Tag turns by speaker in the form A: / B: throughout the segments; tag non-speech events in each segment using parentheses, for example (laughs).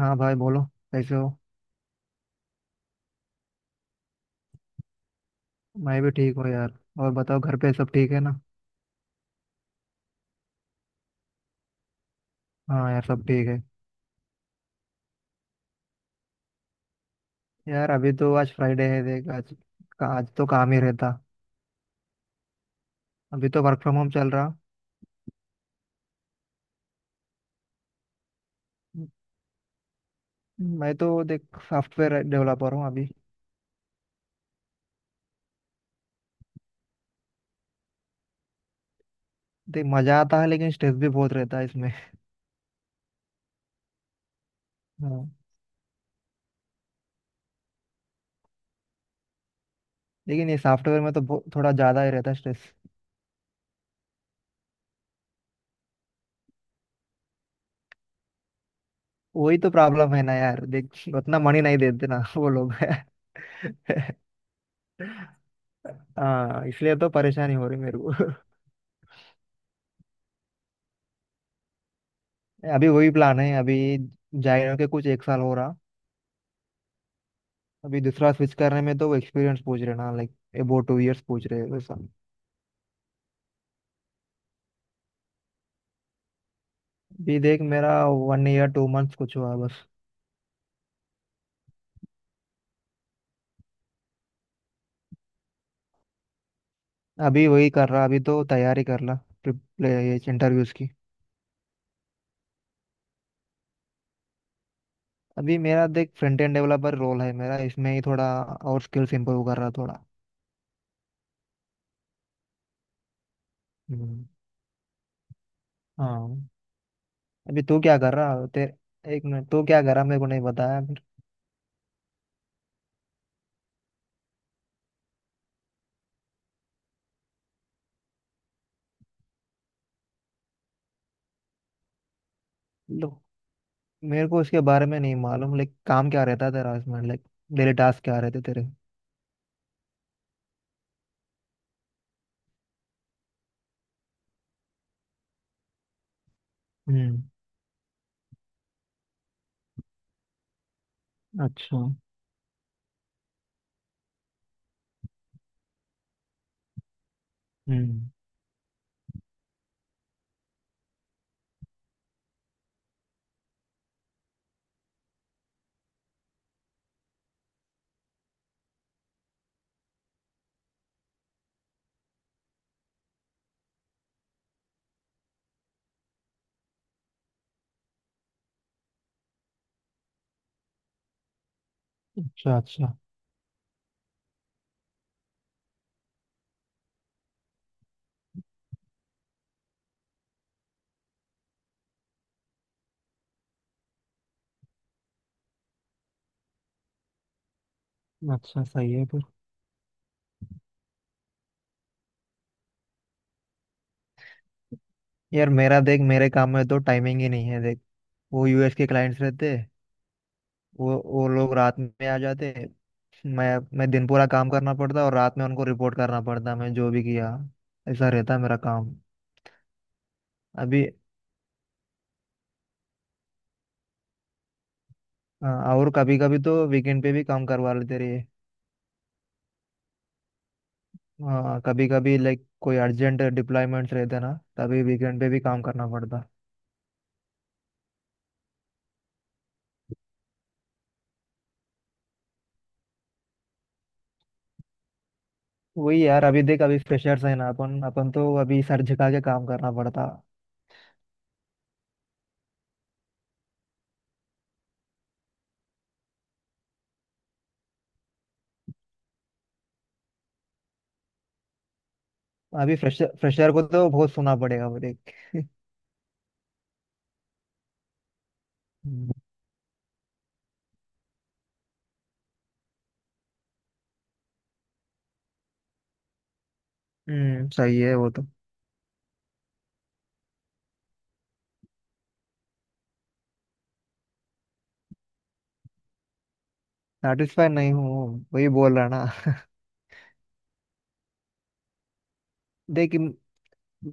A: हाँ भाई बोलो। कैसे हो। मैं भी ठीक हूँ यार। और बताओ, घर पे सब ठीक है ना। हाँ यार, सब ठीक है। यार अभी तो आज फ्राइडे है देख। आज आज तो काम ही रहता। अभी तो वर्क फ्रॉम होम चल रहा। मैं तो देख, सॉफ्टवेयर डेवलपर हूँ अभी। देख मजा आता है लेकिन स्ट्रेस भी बहुत रहता है इसमें। हाँ, लेकिन ये सॉफ्टवेयर में तो थोड़ा ज्यादा ही रहता है स्ट्रेस। वही तो प्रॉब्लम है ना यार देख। उतना मनी नहीं देते ना वो लोग। (laughs) हाँ, इसलिए तो परेशानी हो रही मेरे को। (laughs) अभी वही प्लान है अभी। जाए के कुछ एक साल हो रहा। अभी दूसरा स्विच करने में तो वो एक्सपीरियंस पूछ रहे ना, लाइक अबाउट टू इयर्स पूछ रहे हैं वैसा। अभी देख, मेरा वन ईयर टू मंथ्स कुछ हुआ बस। अभी वही कर रहा, अभी तो तैयारी कर रहा इंटरव्यूज की। अभी मेरा देख, फ्रंट एंड डेवलपर रोल है मेरा, इसमें ही थोड़ा और स्किल्स इंप्रूव कर रहा थोड़ा। हम्म, हाँ। अभी तू क्या कर रहा, तेरे एक मिनट, तू क्या कर रहा, मेरे को नहीं बताया फिर। लो, मेरे को उसके बारे में नहीं मालूम, लाइक काम क्या रहता है तेरा इसमें, लाइक डेली टास्क क्या रहते तेरे। हम्म। अच्छा। हम्म। अच्छा। अच्छा। अच्छा, सही है फिर। यार मेरा देख, मेरे काम में तो टाइमिंग ही नहीं है देख। वो यूएस के क्लाइंट्स रहते। वो लोग रात में आ जाते। मैं मैं दिन पूरा काम करना पड़ता और रात में उनको रिपोर्ट करना पड़ता, मैं जो भी किया। ऐसा रहता मेरा काम अभी। और कभी कभी तो वीकेंड पे भी काम करवा लेते रहे। हाँ, कभी कभी लाइक कोई अर्जेंट डिप्लॉयमेंट्स रहते ना तभी वीकेंड पे भी काम करना पड़ता। वही यार अभी देख, अभी फ्रेशर्स है ना अपन अपन तो अभी सर झुका के काम करना पड़ता। अभी फ्रेशर फ्रेशर को तो बहुत सुना पड़ेगा वो देख के। हम्म। सही है वो तो। सेटिस्फाई नहीं हूँ, वही बोल रहा ना। देख इम-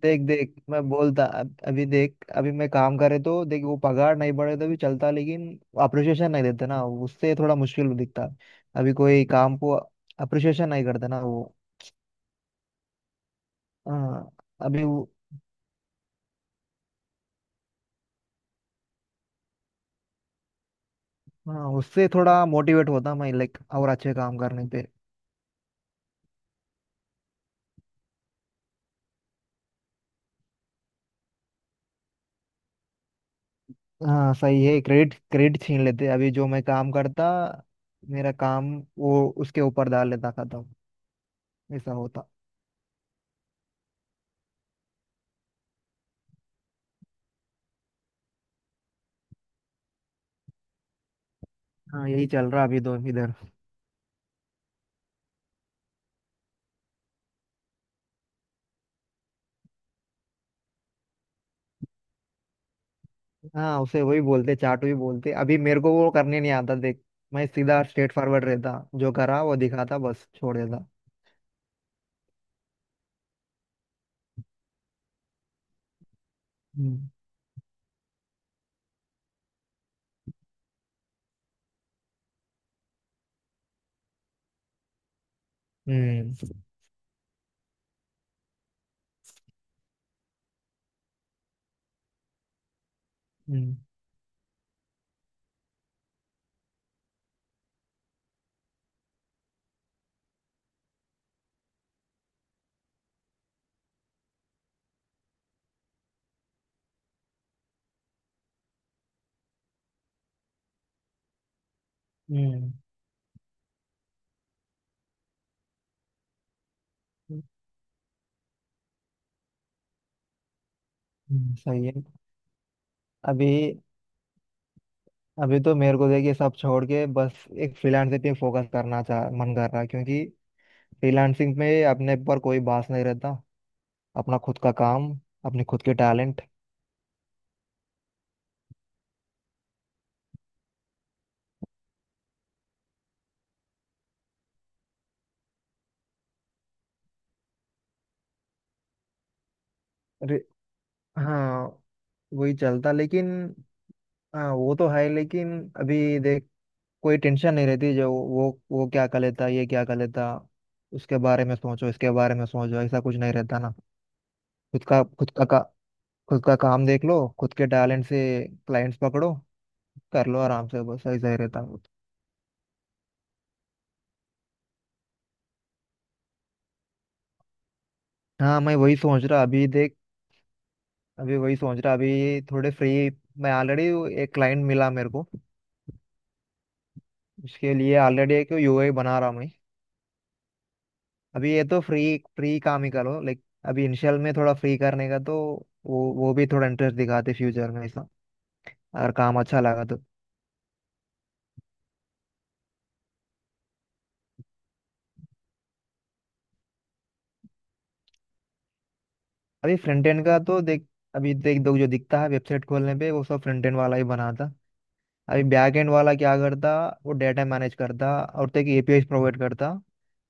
A: देख देख मैं बोलता अभी देख, अभी मैं काम करे तो देख वो पगार नहीं बढ़े तो भी चलता, लेकिन अप्रिशिएशन नहीं देते ना, उससे थोड़ा मुश्किल दिखता। अभी कोई काम को अप्रिशिएशन नहीं करते ना वो। हाँ। अभी वो। हाँ, उससे थोड़ा मोटिवेट होता मैं लाइक और अच्छे काम करने पे। हाँ सही है, क्रेडिट क्रेडिट छीन लेते अभी, जो मैं काम करता, मेरा काम, वो उसके ऊपर डाल लेता, खत्म। ऐसा होता। हाँ यही चल रहा अभी दो इधर। हाँ, उसे वही बोलते, चाटू ही बोलते, अभी मेरे को वो करने नहीं आता देख। मैं सीधा स्ट्रेट फॉरवर्ड रहता। जो करा वो दिखाता, बस छोड़ देता। हम्म। हम्म। हम्म। हम्म, सही है अभी। अभी तो मेरे को देखिए, सब छोड़ के बस एक फ्रीलांसिंग पे फोकस करना चाह मन कर रहा है, क्योंकि फ्रीलांसिंग में अपने पर कोई बास नहीं रहता। अपना खुद का काम, अपने खुद के टैलेंट। अरे हाँ, वही चलता लेकिन हाँ वो तो है लेकिन अभी देख, कोई टेंशन नहीं रहती, जो वो क्या कर लेता, ये क्या कर लेता, उसके बारे में सोचो, इसके बारे में सोचो, ऐसा कुछ नहीं रहता ना। खुद का खुद का, का खुद का काम देख लो, खुद के टैलेंट से क्लाइंट्स पकड़ो। कर लो आराम से, बस ऐसा ही रहता है। हाँ मैं वही सोच रहा अभी देख। अभी वही सोच रहा, अभी थोड़े फ्री। मैं ऑलरेडी एक क्लाइंट मिला मेरे को, इसके लिए ऑलरेडी एक यूआई बना रहा हूँ मैं। अभी ये तो फ्री फ्री काम ही करो लाइक, अभी इनिशियल में थोड़ा फ्री करने का, तो वो भी थोड़ा इंटरेस्ट दिखाते फ्यूचर में, ऐसा अगर काम अच्छा लगा तो। अभी फ्रंट एंड का तो देख, अभी देख दो, जो दिखता है वेबसाइट खोलने पे वो सब फ्रंट एंड वाला ही बनाता। अभी बैक एंड वाला क्या करता, वो डेटा मैनेज करता और तक एपीआई प्रोवाइड करता।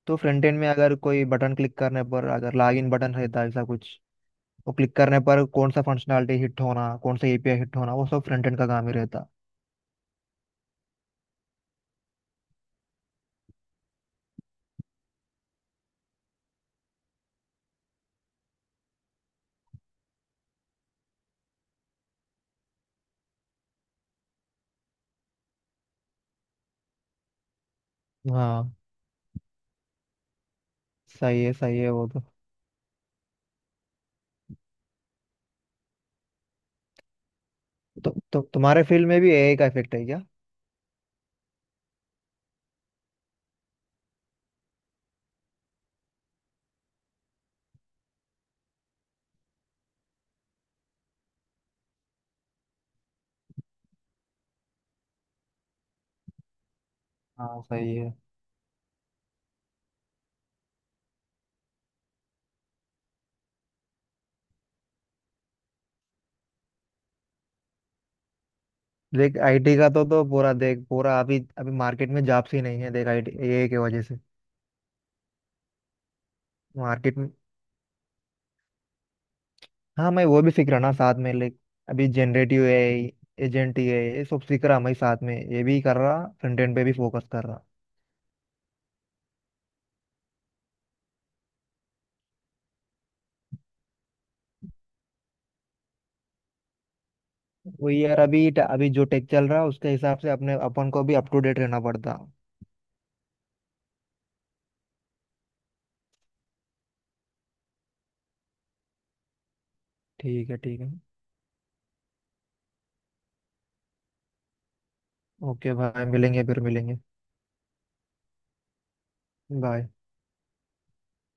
A: तो फ्रंट एंड में अगर कोई बटन क्लिक करने पर, अगर लॉगिन बटन रहता है ऐसा कुछ, वो क्लिक करने पर कौन सा फंक्शनलिटी हिट होना, कौन सा एपीआई हिट होना, वो सब फ्रंट एंड का काम ही रहता। हाँ सही है, सही है वो तो, तुम्हारे फील्ड में भी एआई का इफेक्ट है क्या? हाँ सही है। देख आईटी का तो पूरा देख, पूरा अभी अभी मार्केट में जॉब्स ही नहीं है देख, आईटी एआई की वजह से मार्केट में। हाँ मैं वो भी सीख रहा ना साथ में लाइक, अभी जनरेटिव एआई, एजेंट एआई ये सब सीख रहा मैं साथ में, ये भी कर रहा, फ्रंट एंड पे भी फोकस कर रहा। वही यार, अभी अभी जो टेक चल रहा है उसके हिसाब से अपने अपन को भी अप टू डेट रहना पड़ता। ठीक है, ठीक है। ओके भाई, मिलेंगे, फिर मिलेंगे। बाय।